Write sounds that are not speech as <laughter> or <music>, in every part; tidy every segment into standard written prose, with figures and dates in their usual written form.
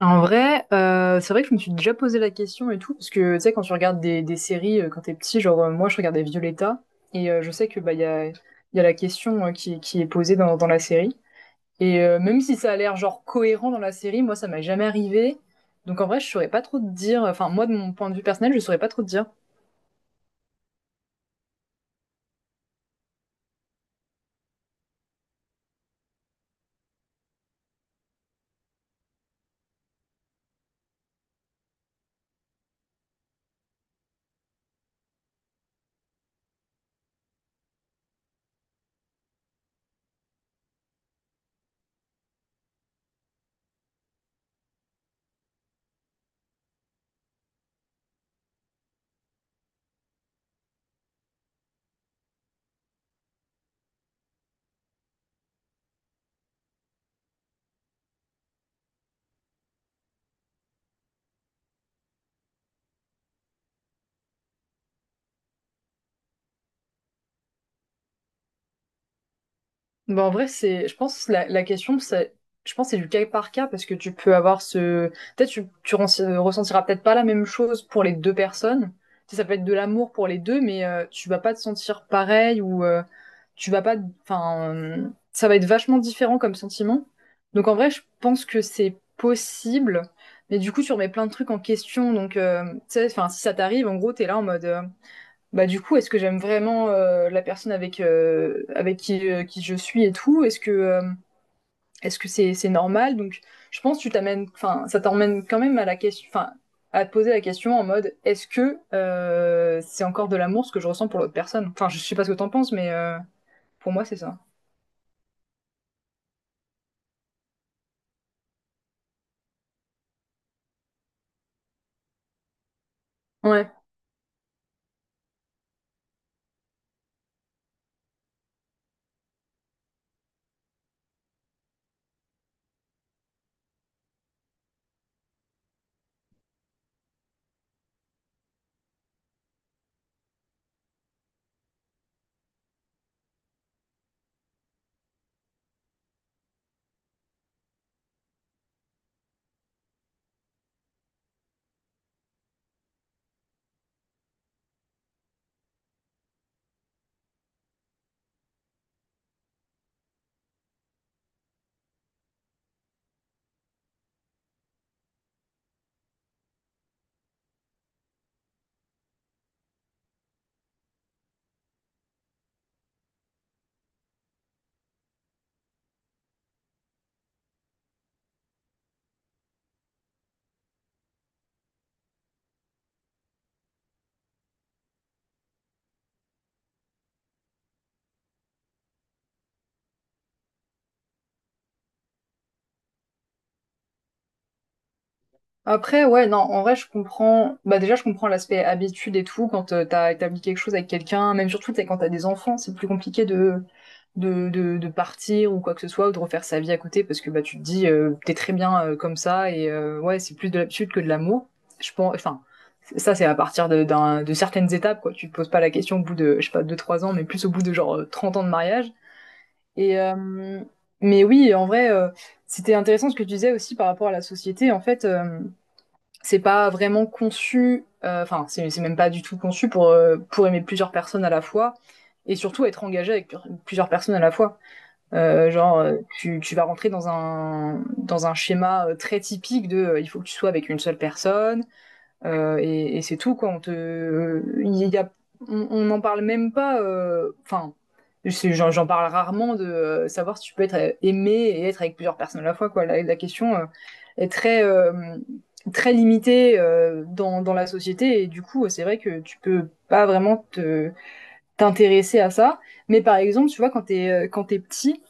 En vrai, c'est vrai que je me suis déjà posé la question et tout, parce que tu sais, quand tu regardes des séries quand t'es petit, moi je regardais Violetta, et je sais que bah il y a la question qui est posée dans la série. Et même si ça a l'air genre cohérent dans la série, moi ça m'est jamais arrivé. Donc en vrai, je saurais pas trop te dire, enfin moi de mon point de vue personnel, je saurais pas trop te dire. Bah, en vrai, je pense, la question, c'est, je pense, que c'est du cas par cas parce que tu peux avoir ce, peut-être, tu ren- ressentiras peut-être pas la même chose pour les deux personnes. Tu sais, ça peut être de l'amour pour les deux, mais tu vas pas te sentir pareil ou tu vas pas, enfin, ça va être vachement différent comme sentiment. Donc, en vrai, je pense que c'est possible, mais du coup, tu remets plein de trucs en question. Donc, tu sais, enfin, si ça t'arrive, en gros, t'es là en mode, bah du coup, est-ce que j'aime vraiment la personne avec qui je suis et tout? Est-ce que c'est normal? Donc, je pense que tu t'amènes, enfin, ça t'emmène quand même à la question, enfin, à te poser la question en mode, est-ce que c'est encore de l'amour ce que je ressens pour l'autre personne? Enfin, je sais pas ce que t'en penses, mais pour moi, c'est ça. Ouais. Après, ouais, non, en vrai, je comprends. Bah, déjà, je comprends l'aspect habitude et tout. Quand t'as établi quelque chose avec quelqu'un, même surtout, t'sais, quand t'as des enfants, c'est plus compliqué de partir ou quoi que ce soit, ou de refaire sa vie à côté, parce que bah, tu te dis, t'es très bien comme ça, et ouais, c'est plus de l'habitude que de l'amour. Je pense, enfin, ça, c'est à partir de certaines étapes, quoi. Tu te poses pas la question au bout de, je sais pas, 2 trois ans, mais plus au bout de 30 ans de mariage. Et, mais oui, en vrai, c'était intéressant ce que tu disais aussi par rapport à la société. En fait, c'est pas vraiment conçu, enfin, c'est même pas du tout conçu pour aimer plusieurs personnes à la fois et surtout être engagé avec plusieurs personnes à la fois. Tu vas rentrer dans un schéma très typique de il faut que tu sois avec une seule personne, et c'est tout, quoi. Il y a, on n'en parle même pas. Enfin, c'est- j'en parle rarement de savoir si tu peux être aimé et être avec plusieurs personnes à la fois, quoi. La question est très, très limitée dans la société. Et du coup, c'est vrai que tu peux pas vraiment te t'intéresser à ça. Mais par exemple, tu vois, quand t'es petit,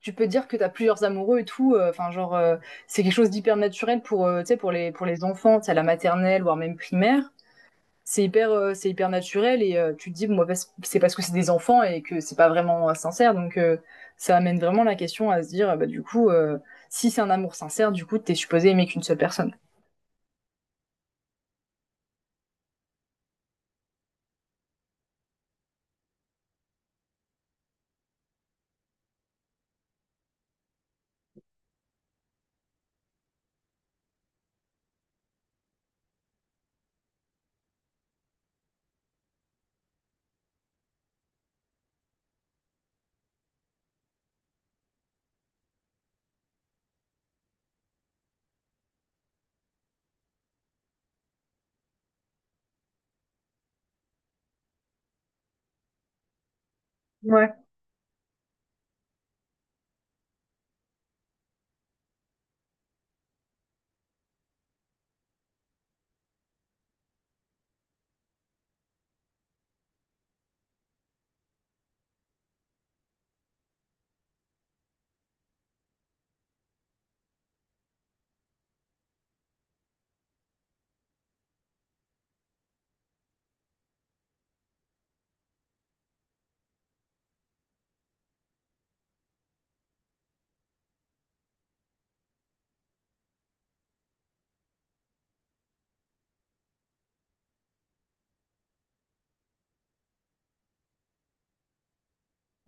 tu peux dire que t'as plusieurs amoureux et tout. C'est quelque chose d'hyper naturel pour, tu sais, pour les enfants, tu à la maternelle, voire même primaire. C'est hyper naturel et tu te dis, bon, bah, c'est parce que c'est des enfants et que c'est pas vraiment sincère. Donc, ça amène vraiment la question à se dire, ah bah, du coup, si c'est un amour sincère, du coup, t'es supposé aimer qu'une seule personne. Ouais.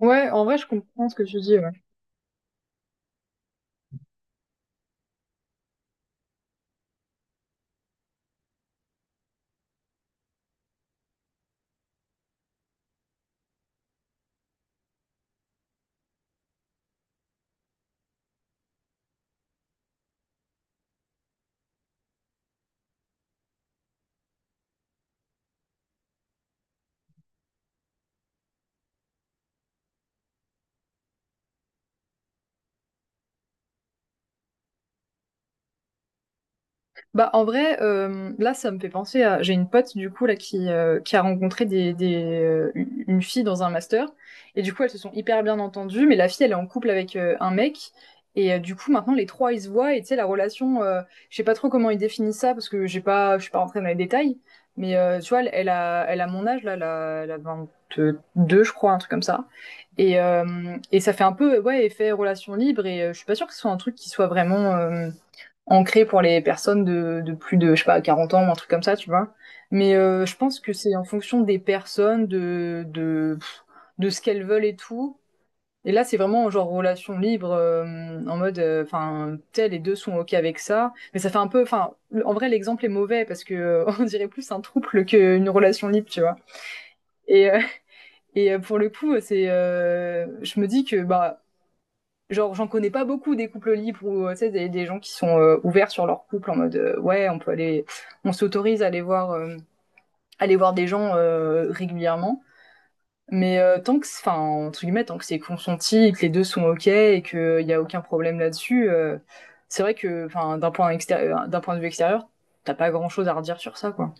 Ouais, en vrai, je comprends ce que tu dis. Ouais. Bah, en vrai, là, ça me fait penser à. J'ai une pote, du coup, là, qui a rencontré une fille dans un master. Et du coup, elles se sont hyper bien entendues. Mais la fille, elle est en couple avec un mec. Et du coup, maintenant, les trois, ils se voient. Et tu sais, la relation, je sais pas trop comment ils définissent ça parce que j'ai pas, je suis pas rentrée dans les détails. Mais tu vois, elle, elle a mon âge, là, elle a 22, je crois, un truc comme ça. Et, euh, et ça fait un peu, ouais, effet relation libre. Et je suis pas sûre que ce soit un truc qui soit vraiment, ancré pour les personnes de plus de, je sais pas, 40 ans ou un truc comme ça, tu vois. Mais je pense que c'est en fonction des personnes, de ce qu'elles veulent et tout. Et là, c'est vraiment genre relation libre, en mode, enfin, tel, les deux sont OK avec ça. Mais ça fait un peu, enfin, le- en vrai, l'exemple est mauvais parce que <laughs> on dirait plus un trouble qu'une relation libre, tu vois. Et, pour le coup, je me dis que, bah, genre j'en connais pas beaucoup des couples libres ou tu sais des gens qui sont ouverts sur leur couple en mode ouais on peut aller on s'autorise à aller voir des gens régulièrement mais tant que enfin entre guillemets tant que c'est consenti et que les deux sont ok et que il y a aucun problème là-dessus, c'est vrai que enfin d'un point extérieur d'un point de vue extérieur t'as pas grand chose à redire sur ça quoi.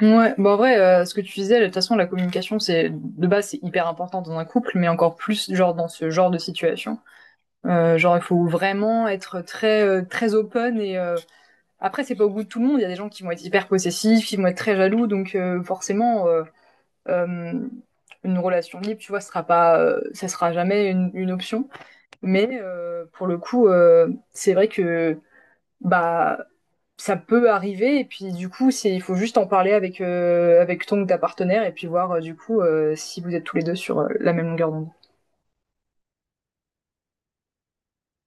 Ouais bon en vrai, ce que tu disais de toute façon la communication c'est de base c'est hyper important dans un couple mais encore plus genre dans ce genre de situation. Genre, il faut vraiment être très très open et après c'est pas au goût de tout le monde. Il y a des gens qui vont être hyper possessifs, ils vont être très jaloux, donc forcément euh, une relation libre, tu vois, sera pas, ça sera jamais une option. Mais pour le coup, c'est vrai que bah ça peut arriver et puis du coup c'est il faut juste en parler avec avec ton ou ta partenaire et puis voir si vous êtes tous les deux sur la même longueur d'onde.